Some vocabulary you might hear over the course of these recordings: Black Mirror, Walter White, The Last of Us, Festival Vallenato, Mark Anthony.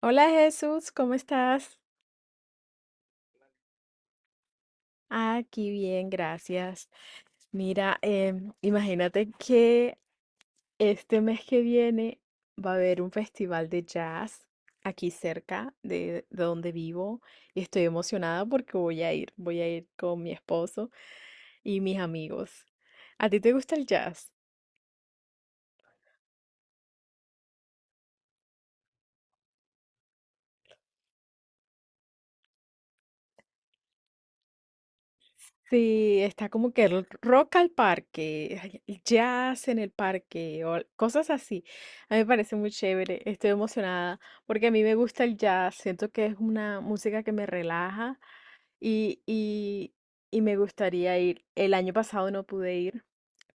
Hola Jesús, ¿cómo estás? Aquí bien, gracias. Mira, imagínate que este mes que viene va a haber un festival de jazz aquí cerca de donde vivo y estoy emocionada porque voy a ir con mi esposo y mis amigos. ¿A ti te gusta el jazz? Sí, está como que el rock al parque, ay, el jazz en el parque o cosas así. A mí me parece muy chévere. Estoy emocionada porque a mí me gusta el jazz. Siento que es una música que me relaja y, y, y me gustaría ir. El año pasado no pude ir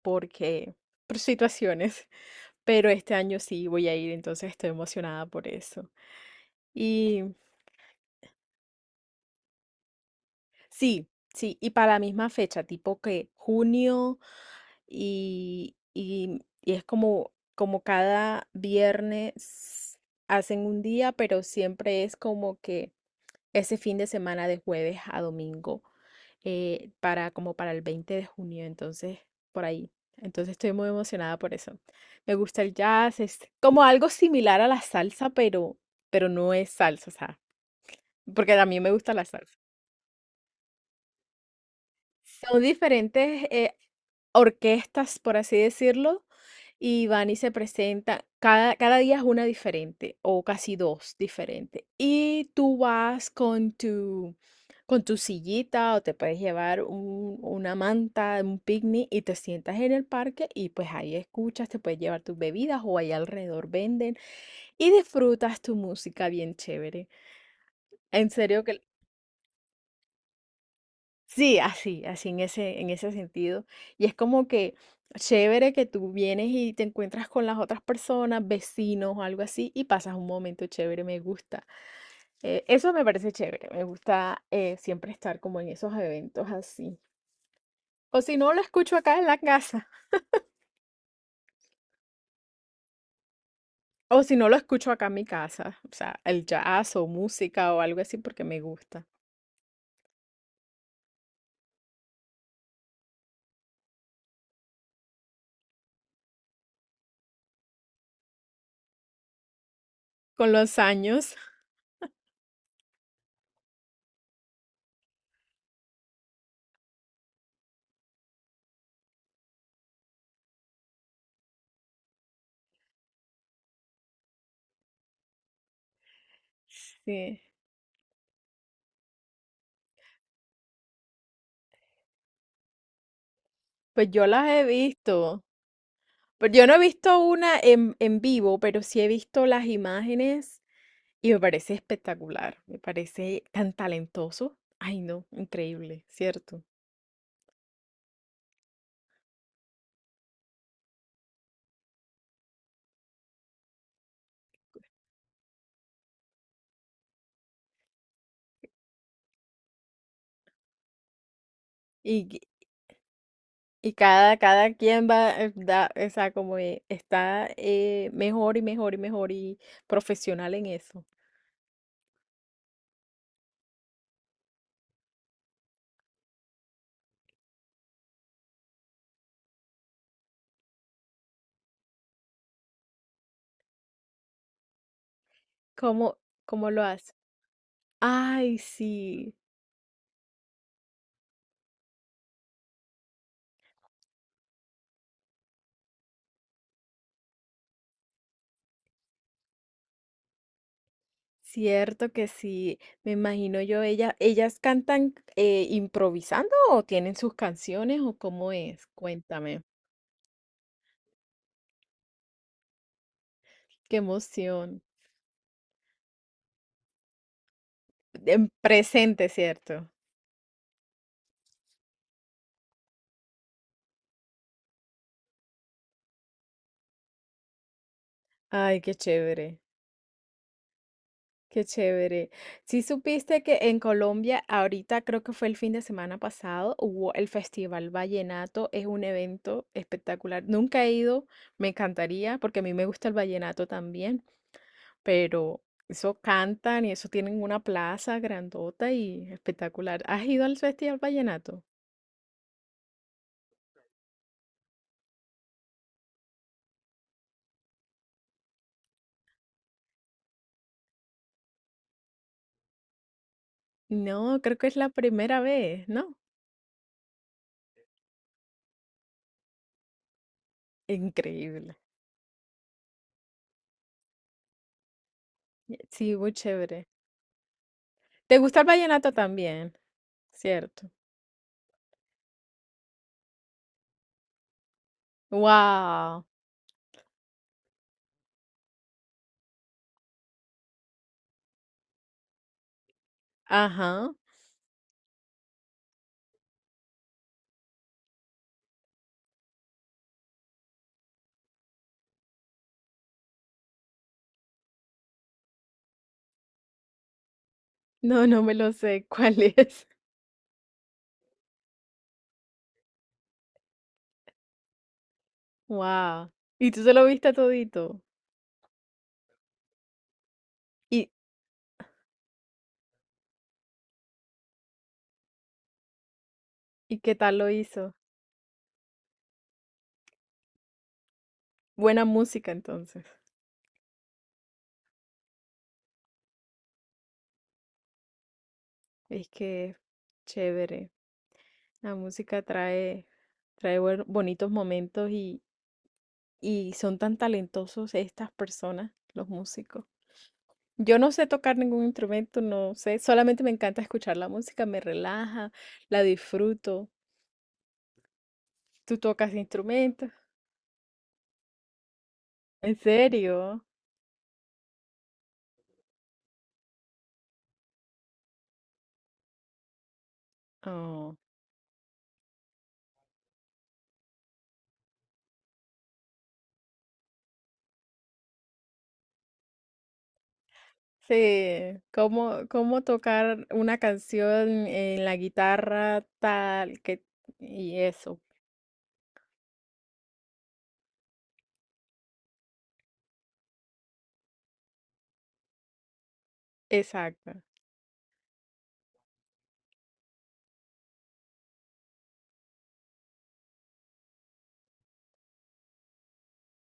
porque por situaciones, pero este año sí voy a ir, entonces estoy emocionada por eso. Y sí, sí, y para la misma fecha, tipo que junio. Y es como, como cada viernes hacen un día, pero siempre es como que ese fin de semana de jueves a domingo, para como para el 20 de junio, entonces por ahí. Entonces estoy muy emocionada por eso. Me gusta el jazz, es como algo similar a la salsa, pero no es salsa, o sea, porque a mí me gusta la salsa. Son diferentes, orquestas, por así decirlo, y van y se presentan. Cada día es una diferente, o casi dos diferentes. Y tú vas con tu sillita, o te puedes llevar una manta, un picnic, y te sientas en el parque, y pues ahí escuchas, te puedes llevar tus bebidas, o ahí alrededor venden, y disfrutas tu música bien chévere. En serio que sí, así, así en ese sentido. Y es como que chévere que tú vienes y te encuentras con las otras personas, vecinos o algo así, y pasas un momento chévere, me gusta. Eso me parece chévere, me gusta siempre estar como en esos eventos así. O si no, lo escucho acá en la casa, o si no, lo escucho acá en mi casa, o sea, el jazz o música o algo así porque me gusta. Con los años, sí, pues yo las he visto. Pero yo no he visto una en vivo, pero sí he visto las imágenes y me parece espectacular. Me parece tan talentoso. Ay, no, increíble, ¿cierto? Y, que- y cada quien va, da, o sea, como está mejor y mejor y mejor y profesional en eso. ¿Cómo, cómo lo hace? Ay, sí, cierto que sí. Me imagino yo, ella, ellas cantan improvisando o tienen sus canciones o cómo es. Cuéntame. Qué emoción. En presente, ¿cierto? Ay, qué chévere. Qué chévere. Si supiste que en Colombia, ahorita creo que fue el fin de semana pasado, hubo el Festival Vallenato, es un evento espectacular. Nunca he ido, me encantaría, porque a mí me gusta el vallenato también, pero eso cantan y eso tienen una plaza grandota y espectacular. ¿Has ido al Festival Vallenato? No, creo que es la primera vez, ¿no? Increíble. Sí, muy chévere. ¿Te gusta el vallenato también? Cierto. Wow. Ajá. No, no me lo sé. ¿Cuál es? Wow. ¿Y tú se lo viste todito? ¿Y, ¿y qué tal lo hizo? Buena música entonces. Es que chévere. La música trae, trae bonitos momentos y son tan talentosos estas personas, los músicos. Yo no sé tocar ningún instrumento, no sé, solamente me encanta escuchar la música, me relaja, la disfruto. ¿Tú tocas instrumentos? ¿En serio? Oh. Sí, cómo, cómo tocar una canción en la guitarra tal que y eso, exacto.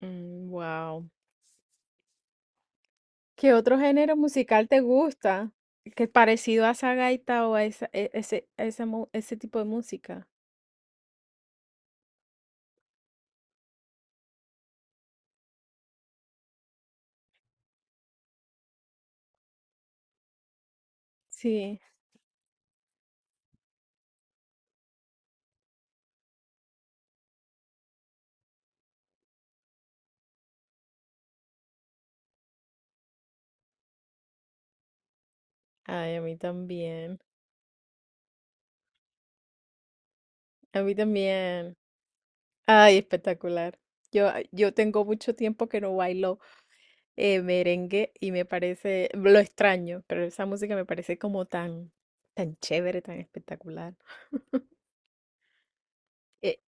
Wow. ¿Qué otro género musical te gusta? Que es parecido a esa gaita o a ese, ese tipo de música. Sí. Ay, a mí también. A mí también. Ay, espectacular. Yo tengo mucho tiempo que no bailo. Merengue y me parece, lo extraño, pero esa música me parece como tan, tan chévere, tan espectacular. Eh,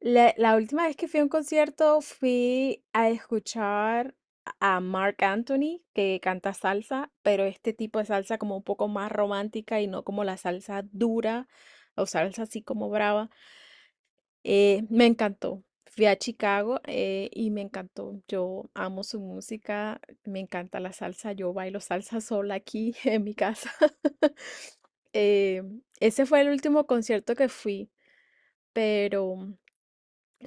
la última vez que fui a un concierto fui a escuchar a Mark Anthony, que canta salsa, pero este tipo de salsa como un poco más romántica y no como la salsa dura o salsa así como brava. Me encantó. Fui a Chicago y me encantó. Yo amo su música, me encanta la salsa. Yo bailo salsa sola aquí en mi casa. Eh, Ese fue el último concierto que fui, pero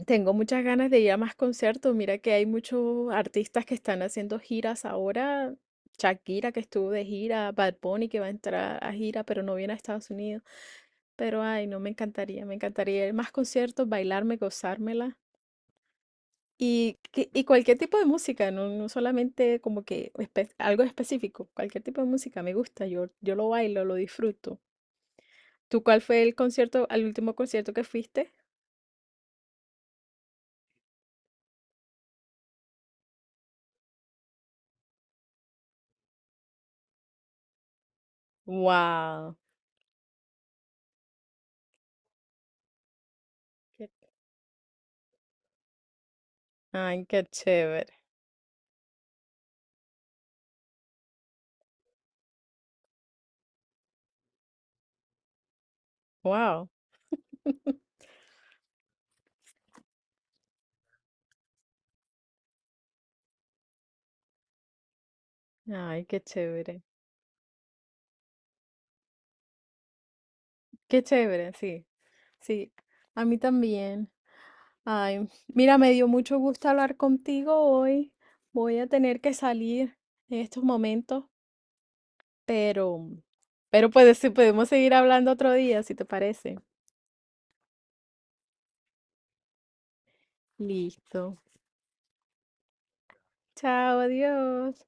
tengo muchas ganas de ir a más conciertos. Mira que hay muchos artistas que están haciendo giras ahora. Shakira que estuvo de gira, Bad Bunny que va a entrar a gira, pero no viene a Estados Unidos. Pero ay, no me encantaría, me encantaría ir a más conciertos, bailarme, gozármela. Y cualquier tipo de música, no, no solamente como que algo específico, cualquier tipo de música me gusta, yo lo bailo, lo disfruto. ¿Tú cuál fue el concierto, al último concierto que fuiste? ¡Wow! ¡Ay, qué chévere! ¡Wow! ¡Ay, qué chévere! ¡Qué chévere! Sí, sí, a mí también. Ay, mira, me dio mucho gusto hablar contigo hoy. Voy a tener que salir en estos momentos. Pero, pero puede, podemos seguir hablando otro día, si te parece. Listo. Chao, adiós.